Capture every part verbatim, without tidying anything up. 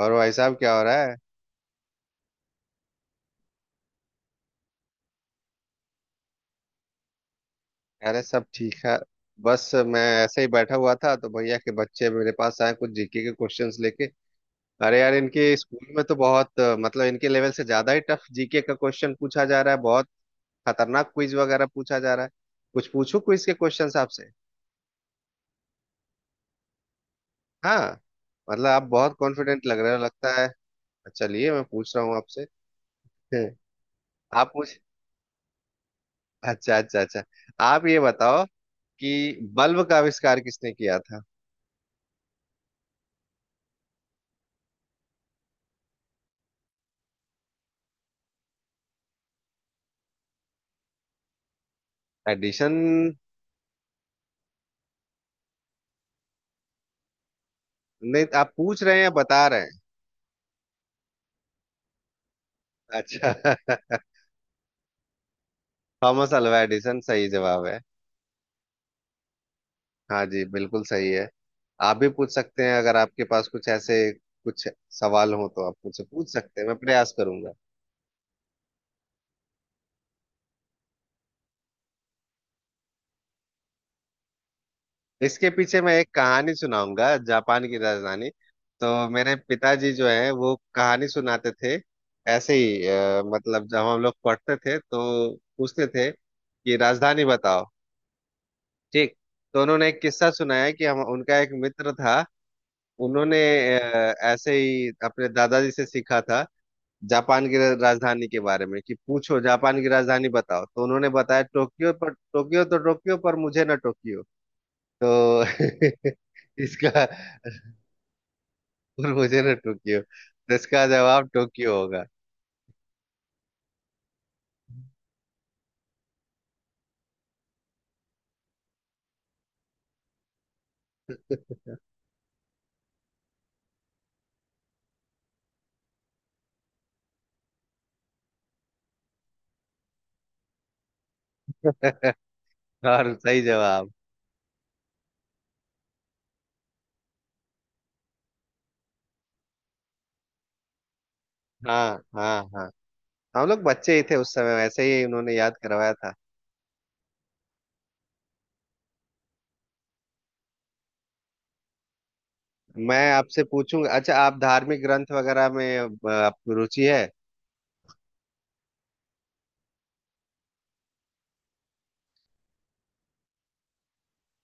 और भाई साहब क्या हो रहा है? अरे सब ठीक है। बस मैं ऐसे ही बैठा हुआ था तो भैया के बच्चे मेरे पास आए कुछ जीके के क्वेश्चंस लेके। अरे यार इनके स्कूल में तो बहुत अ, मतलब इनके लेवल से ज्यादा ही टफ जीके का क्वेश्चन पूछा जा रहा है। बहुत खतरनाक क्विज वगैरह पूछा जा रहा है। कुछ पूछूं क्विज के क्वेश्चंस आपसे? हाँ। मतलब आप बहुत कॉन्फिडेंट लग रहे हो लगता है। अच्छा, चलिए मैं पूछ रहा हूँ आपसे। आप पूछ। अच्छा अच्छा अच्छा। आप ये बताओ कि बल्ब का आविष्कार किसने किया था? एडिशन। नहीं, आप पूछ रहे हैं या बता रहे हैं? अच्छा। थॉमस अल्वा एडिसन सही जवाब है। हाँ जी, बिल्कुल सही है। आप भी पूछ सकते हैं, अगर आपके पास कुछ ऐसे कुछ सवाल हो तो आप मुझसे पूछ सकते हैं, मैं प्रयास करूंगा। इसके पीछे मैं एक कहानी सुनाऊंगा। जापान की राजधानी, तो मेरे पिताजी जो है वो कहानी सुनाते थे ऐसे ही। अ, मतलब जब हम लोग पढ़ते थे तो पूछते थे कि राजधानी बताओ। ठीक। तो उन्होंने एक किस्सा सुनाया कि हम, उनका एक मित्र था, उन्होंने अ, ऐसे ही अपने दादाजी से सीखा था। जापान की राजधानी के बारे में कि पूछो जापान की राजधानी बताओ, तो उन्होंने बताया टोक्यो पर टोक्यो तो टोक्यो पर मुझे ना टोक्यो तो इसका पर मुझे ना टोक्यो तो इसका जवाब टोक्यो होगा। और सही जवाब। हाँ हाँ हाँ। हम लोग बच्चे ही थे उस समय, वैसे ही उन्होंने याद करवाया था। मैं आपसे पूछूंगा। अच्छा, आप धार्मिक ग्रंथ वगैरह में अ, आपको रुचि है?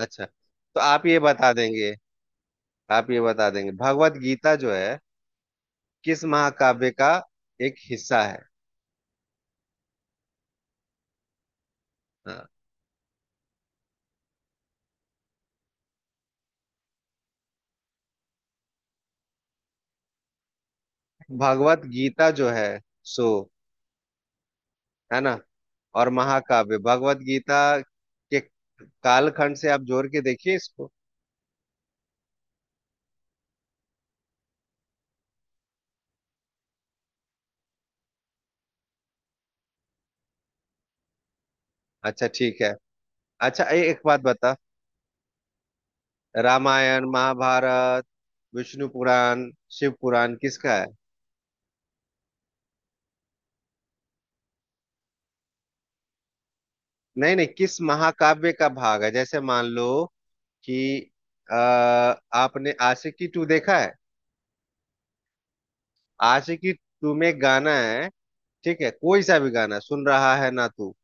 अच्छा, तो आप ये बता देंगे। आप ये बता देंगे भगवत गीता जो है किस महाकाव्य का एक हिस्सा है? हाँ। भगवत गीता जो है सो है ना। और महाकाव्य भगवत गीता के कालखंड से आप जोड़ के देखिए इसको। अच्छा, ठीक है। अच्छा, ए, एक बात बता। रामायण, महाभारत, विष्णु पुराण, शिव पुराण किसका है? नहीं नहीं, किस महाकाव्य का भाग है? जैसे मान लो कि अ, आपने आशिकी टू देखा है? आशिकी टू में गाना है, ठीक है, कोई सा भी गाना, सुन रहा है ना तू।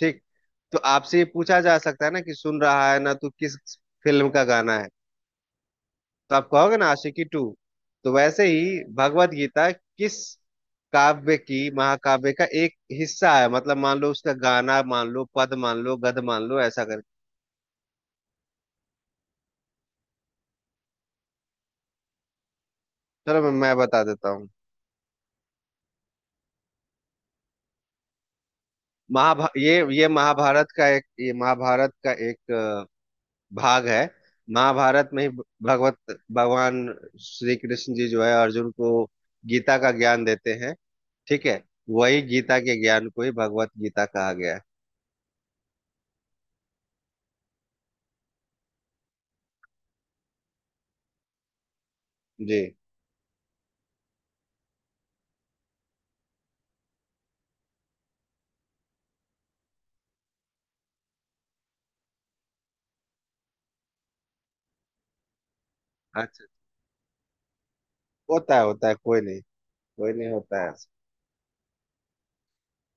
ठीक। तो आपसे ये पूछा जा सकता है ना कि सुन रहा है ना तू किस फिल्म का गाना है? तो आप कहोगे ना आशिकी टू। तो वैसे ही भगवत गीता किस काव्य की, महाकाव्य का एक हिस्सा है। मतलब मान लो उसका गाना, मान लो पद, मान लो गद, मान लो ऐसा करके। चलो, मैं मैं बता देता हूँ। महाभा ये ये महाभारत का एक ये महाभारत का एक भाग है। महाभारत में ही भगवत भगवान श्री कृष्ण जी जो है अर्जुन को गीता का ज्ञान देते हैं, ठीक है। वही गीता के ज्ञान को ही भगवत गीता कहा गया है। जी। अच्छा। होता है होता है, कोई नहीं। कोई नहीं, होता है।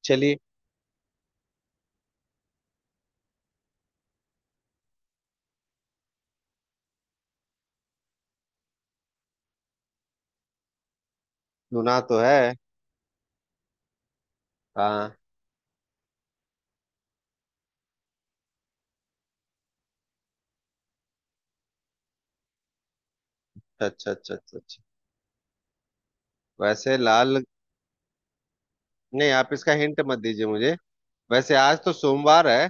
चलिए। सुना तो है। हाँ। अच्छा अच्छा अच्छा अच्छा। वैसे लाल। नहीं, आप इसका हिंट मत दीजिए मुझे। वैसे आज तो सोमवार है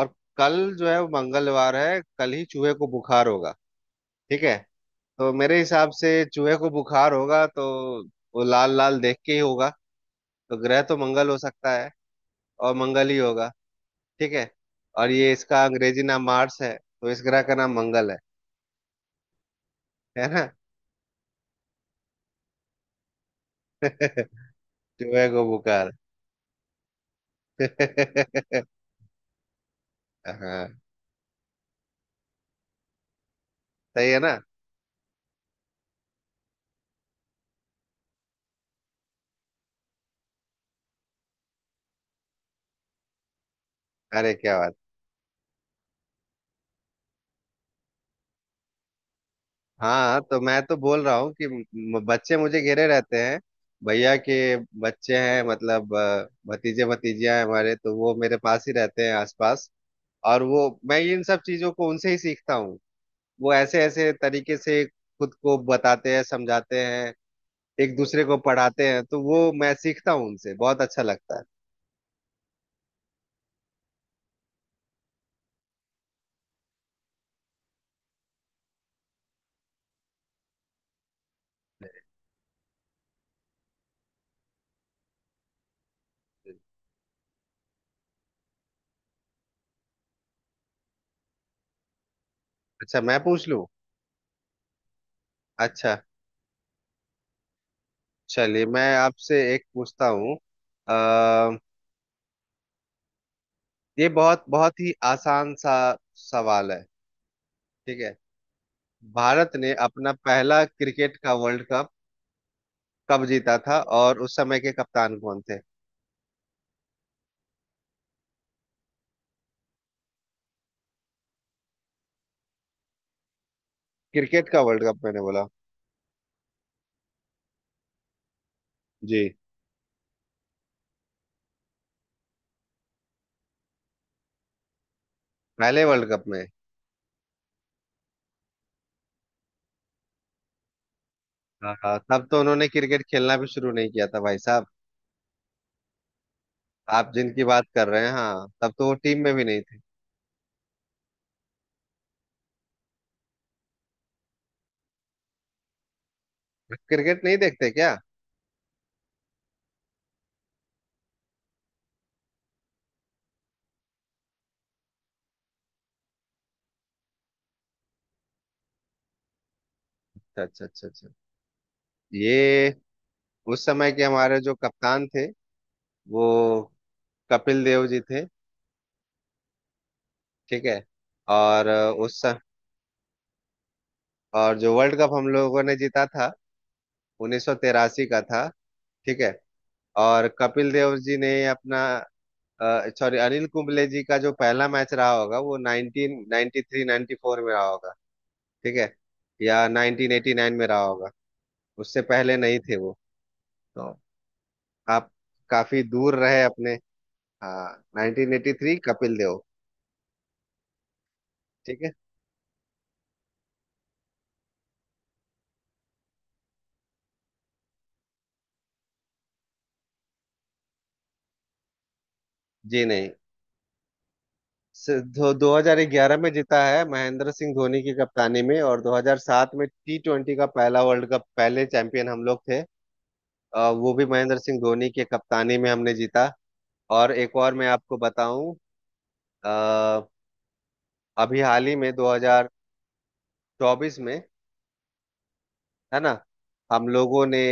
और कल जो है वो मंगलवार है, कल ही चूहे को बुखार होगा। ठीक है। तो मेरे हिसाब से चूहे को बुखार होगा तो वो लाल लाल देख के ही होगा। तो ग्रह तो मंगल हो सकता है, और मंगल ही होगा। ठीक है। और ये इसका अंग्रेजी नाम मार्स है, तो इस ग्रह का नाम मंगल है। है ना। चूहे को बुखार। हाँ। सही है ना। अरे क्या बात। हाँ, तो मैं तो बोल रहा हूँ कि म- बच्चे मुझे घेरे रहते हैं। भैया के बच्चे हैं, मतलब अ, भतीजे भतीजियां हैं हमारे, तो वो मेरे पास ही रहते हैं आसपास। और वो मैं ये इन सब चीजों को उनसे ही सीखता हूँ। वो ऐसे ऐसे तरीके से खुद को बताते हैं, समझाते हैं, एक दूसरे को पढ़ाते हैं, तो वो मैं सीखता हूँ उनसे। बहुत अच्छा लगता है। अच्छा, मैं पूछ लूँ। अच्छा, चलिए मैं आपसे एक पूछता हूँ। अ, ये बहुत बहुत ही आसान सा सवाल है, ठीक है। भारत ने अपना पहला क्रिकेट का वर्ल्ड कप कब जीता था, और उस समय के कप्तान कौन थे? क्रिकेट का वर्ल्ड कप मैंने बोला। जी। पहले वर्ल्ड कप में। हाँ हाँ, तब तो उन्होंने क्रिकेट खेलना भी शुरू नहीं किया था भाई साहब। आप जिनकी बात कर रहे हैं, हाँ, तब तो वो टीम में भी नहीं थे। क्रिकेट नहीं देखते क्या? अच्छा अच्छा अच्छा अच्छा। ये, उस समय के हमारे जो कप्तान थे वो कपिल देव जी थे, ठीक है। और अ, उस स- और जो वर्ल्ड कप हम लोगों ने जीता था उन्नीस सौ तिरासी का था, ठीक है। और कपिल देव जी ने अपना, सॉरी, अनिल कुंबले जी का जो पहला मैच रहा होगा वो nineteen ninety three ninety four में रहा होगा, ठीक है, या नाइनटीन एटी नाइन में रहा होगा। उससे पहले नहीं थे वो। तो आप काफी दूर रहे अपने। हाँ, nineteen eighty three Kapil Dev. ठीक है। जी नहीं। स- दो 2011 में जीता है महेंद्र सिंह धोनी की कप्तानी में, और दो हज़ार सात में टी ट्वेंटी का पहला वर्ल्ड कप, पहले चैंपियन हम लोग थे। अ, वो भी महेंद्र सिंह धोनी के कप्तानी में हमने जीता। और एक और मैं आपको बताऊं। अ, अभी हाल ही में दो हज़ार चौबीस में, है ना, हम लोगों ने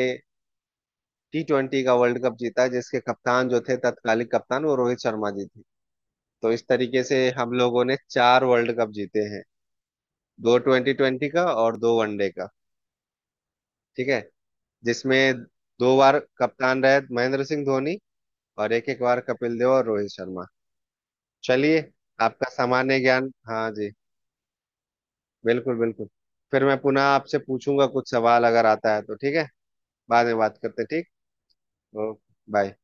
टी ट्वेंटी का वर्ल्ड कप जीता, जिसके कप्तान जो थे तत्कालीन कप्तान वो रोहित शर्मा जी थे। तो इस तरीके से हम लोगों ने चार वर्ल्ड कप जीते हैं। दो ट्वेंटी ट्वेंटी का और दो वनडे का, ठीक है। जिसमें दो बार कप्तान रहे महेंद्र सिंह धोनी, और एक एक बार कपिल देव और रोहित शर्मा। चलिए। आपका सामान्य ज्ञान। हाँ जी, बिल्कुल बिल्कुल। फिर मैं पुनः आपसे पूछूंगा, कुछ सवाल अगर आता है तो ठीक है। बाद में बात करते हैं, ठीक। Okay, bye.